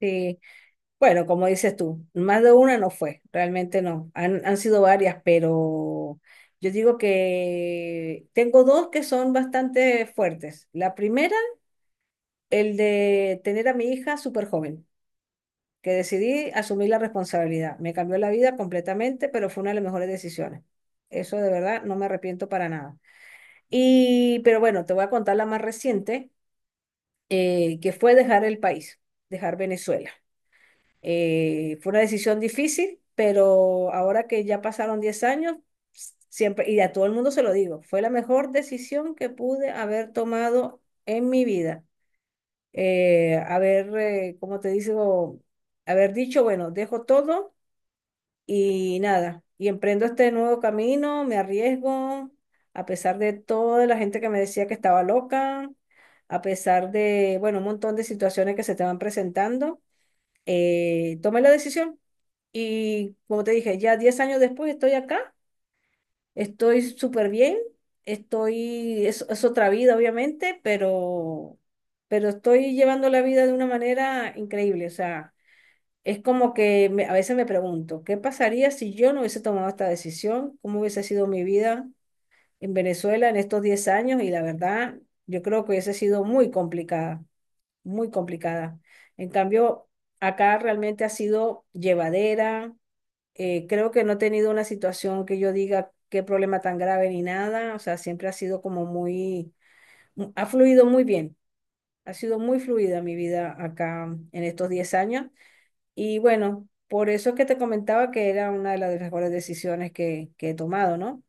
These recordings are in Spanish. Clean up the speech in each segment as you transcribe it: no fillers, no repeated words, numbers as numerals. Sí, bueno, como dices tú, más de una no fue, realmente no, han sido varias, pero yo digo que tengo dos que son bastante fuertes. La primera, el de tener a mi hija súper joven, que decidí asumir la responsabilidad. Me cambió la vida completamente, pero fue una de las mejores decisiones. Eso de verdad no me arrepiento para nada. Y, pero bueno, te voy a contar la más reciente, que fue dejar el país, dejar Venezuela. Fue una decisión difícil, pero ahora que ya pasaron 10 años, siempre, y a todo el mundo se lo digo, fue la mejor decisión que pude haber tomado en mi vida. Como te digo, haber dicho, bueno, dejo todo y nada, y emprendo este nuevo camino, me arriesgo, a pesar de toda la gente que me decía que estaba loca, a pesar de, bueno, un montón de situaciones que se estaban presentando, tomé la decisión y como te dije, ya 10 años después estoy acá, estoy súper bien, estoy, es otra vida obviamente, pero estoy llevando la vida de una manera increíble. O sea, es como que a veces me pregunto, ¿qué pasaría si yo no hubiese tomado esta decisión? ¿Cómo hubiese sido mi vida en Venezuela en estos 10 años? Y la verdad, yo creo que hubiese sido muy complicada, muy complicada. En cambio, acá realmente ha sido llevadera. Creo que no he tenido una situación que yo diga qué problema tan grave ni nada, o sea, siempre ha sido como muy, ha fluido muy bien, ha sido muy fluida mi vida acá en estos 10 años y bueno, por eso es que te comentaba que era una de las mejores decisiones que he tomado, ¿no?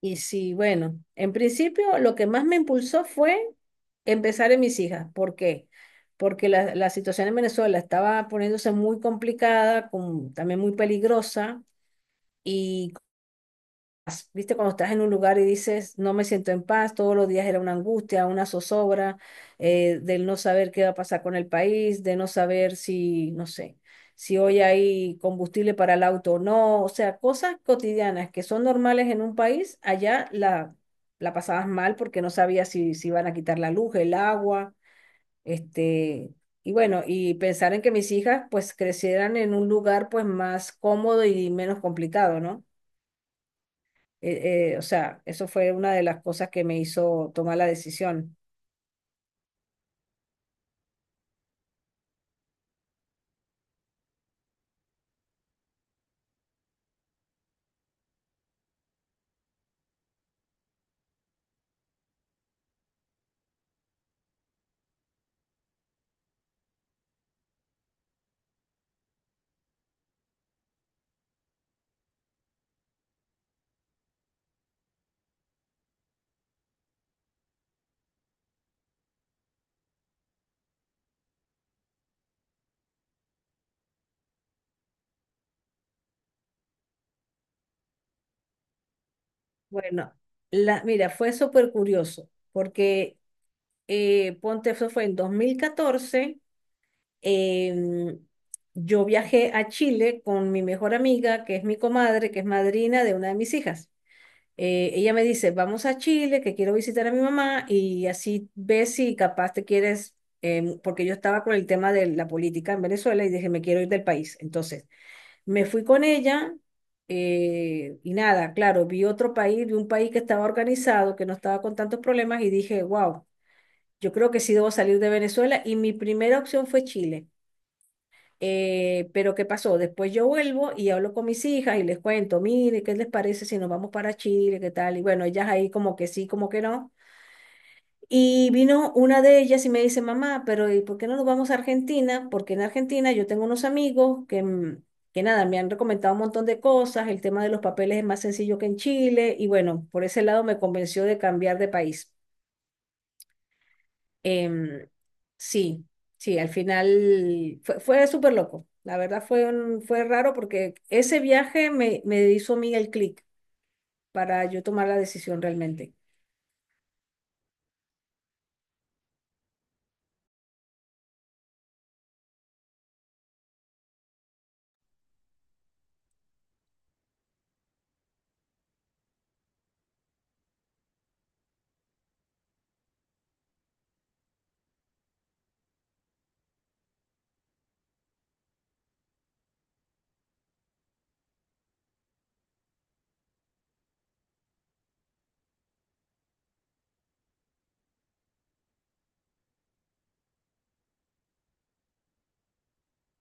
Y sí, bueno, en principio lo que más me impulsó fue empezar en mis hijas, ¿por qué? Porque la situación en Venezuela estaba poniéndose muy complicada, también muy peligrosa. Y paz. ¿Viste? Cuando estás en un lugar y dices, no me siento en paz, todos los días era una angustia, una zozobra, del no saber qué va a pasar con el país, de no saber si, no sé, si hoy hay combustible para el auto o no. O sea, cosas cotidianas que son normales en un país, allá la pasabas mal porque no sabías si, si iban a quitar la luz, el agua, este... Y bueno, y pensar en que mis hijas pues crecieran en un lugar pues más cómodo y menos complicado, ¿no? O sea, eso fue una de las cosas que me hizo tomar la decisión. Bueno, la, mira, fue súper curioso, porque ponte, eso fue en 2014. em, yo viajé a Chile con mi mejor amiga, que es mi comadre, que es madrina de una de mis hijas. Ella me dice, vamos a Chile, que quiero visitar a mi mamá y así ves si capaz te quieres, porque yo estaba con el tema de la política en Venezuela y dije, me quiero ir del país. Entonces, me fui con ella, y nada, claro, vi otro país, vi un país que estaba organizado, que no estaba con tantos problemas y dije, wow, yo creo que sí debo salir de Venezuela y mi primera opción fue Chile. Pero ¿qué pasó? Después yo vuelvo y hablo con mis hijas y les cuento, mire, ¿qué les parece si nos vamos para Chile? ¿Qué tal? Y bueno, ellas ahí como que sí, como que no. Y vino una de ellas y me dice, mamá, pero ¿y por qué no nos vamos a Argentina? Porque en Argentina yo tengo unos amigos que, que nada, me han recomendado un montón de cosas, el tema de los papeles es más sencillo que en Chile, y bueno, por ese lado me convenció de cambiar de país. Em, sí, sí, al final fue, fue súper loco. La verdad fue, fue raro porque ese viaje me hizo a mí el clic para yo tomar la decisión realmente.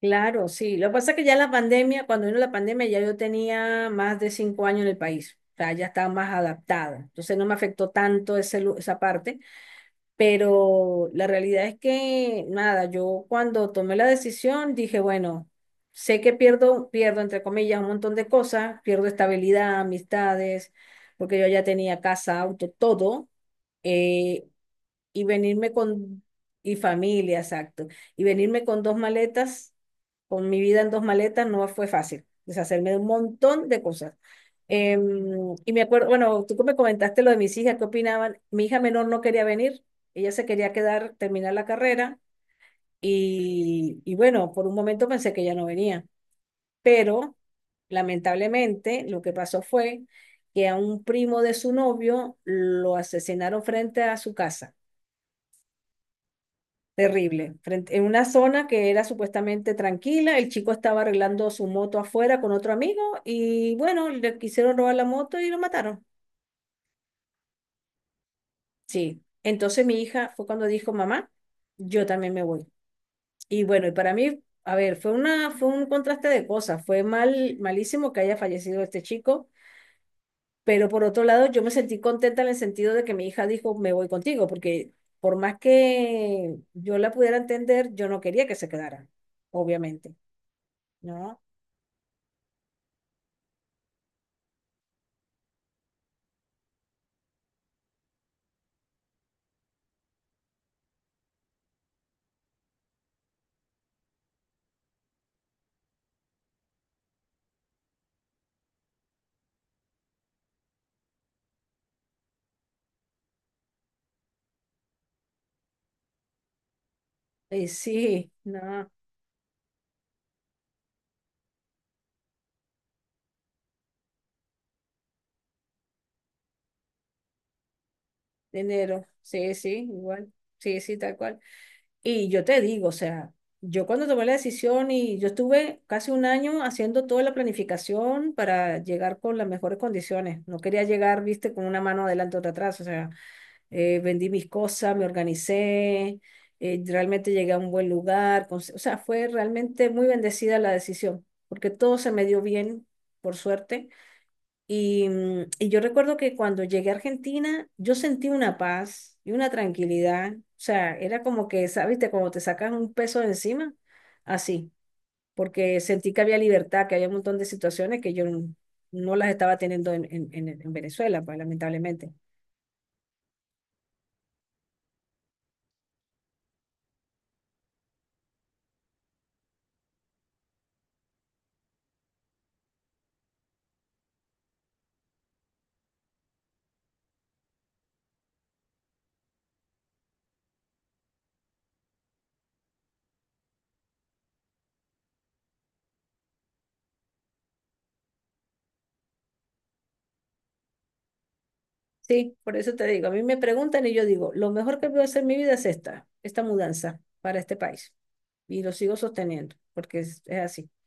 Claro, sí. Lo que pasa es que ya la pandemia, cuando vino la pandemia, ya yo tenía más de 5 años en el país. O sea, ya estaba más adaptada. Entonces no me afectó tanto ese, esa parte. Pero la realidad es que, nada, yo cuando tomé la decisión dije, bueno, sé que pierdo, pierdo, entre comillas, un montón de cosas. Pierdo estabilidad, amistades, porque yo ya tenía casa, auto, todo. eh, y venirme con, y familia, exacto, y venirme con dos maletas, con mi vida en dos maletas, no fue fácil, deshacerme de un montón de cosas. Y me acuerdo, bueno, tú que me comentaste lo de mis hijas, ¿qué opinaban? Mi hija menor no quería venir, ella se quería quedar, terminar la carrera, y bueno, por un momento pensé que ella no venía, pero lamentablemente lo que pasó fue que a un primo de su novio lo asesinaron frente a su casa. Terrible. Frente, en una zona que era supuestamente tranquila, el chico estaba arreglando su moto afuera con otro amigo y bueno, le quisieron robar la moto y lo mataron. Sí. Entonces mi hija fue cuando dijo, mamá, yo también me voy. Y bueno, y para mí, a ver, fue una, fue un contraste de cosas. Fue mal, malísimo que haya fallecido este chico, pero por otro lado yo me sentí contenta en el sentido de que mi hija dijo, me voy contigo, porque por más que yo la pudiera entender, yo no quería que se quedara, obviamente. ¿No? Y sí, no, enero, sí, sí, igual, sí, sí, tal cual. Y yo te digo, o sea, yo cuando tomé la decisión y yo estuve casi un año haciendo toda la planificación para llegar con las mejores condiciones. No quería llegar, viste, con una mano adelante otra atrás, o sea, vendí mis cosas, me organicé, realmente llegué a un buen lugar, o sea, fue realmente muy bendecida la decisión, porque todo se me dio bien, por suerte. Y, y yo recuerdo que cuando llegué a Argentina, yo sentí una paz y una tranquilidad. O sea, era como que, sabes te como te sacas un peso de encima, así, porque sentí que había libertad, que había un montón de situaciones que yo no, no las estaba teniendo en Venezuela, pues, lamentablemente. Sí, por eso te digo, a mí me preguntan y yo digo, lo mejor que puedo hacer en mi vida es esta, esta mudanza para este país. Y lo sigo sosteniendo, porque es así.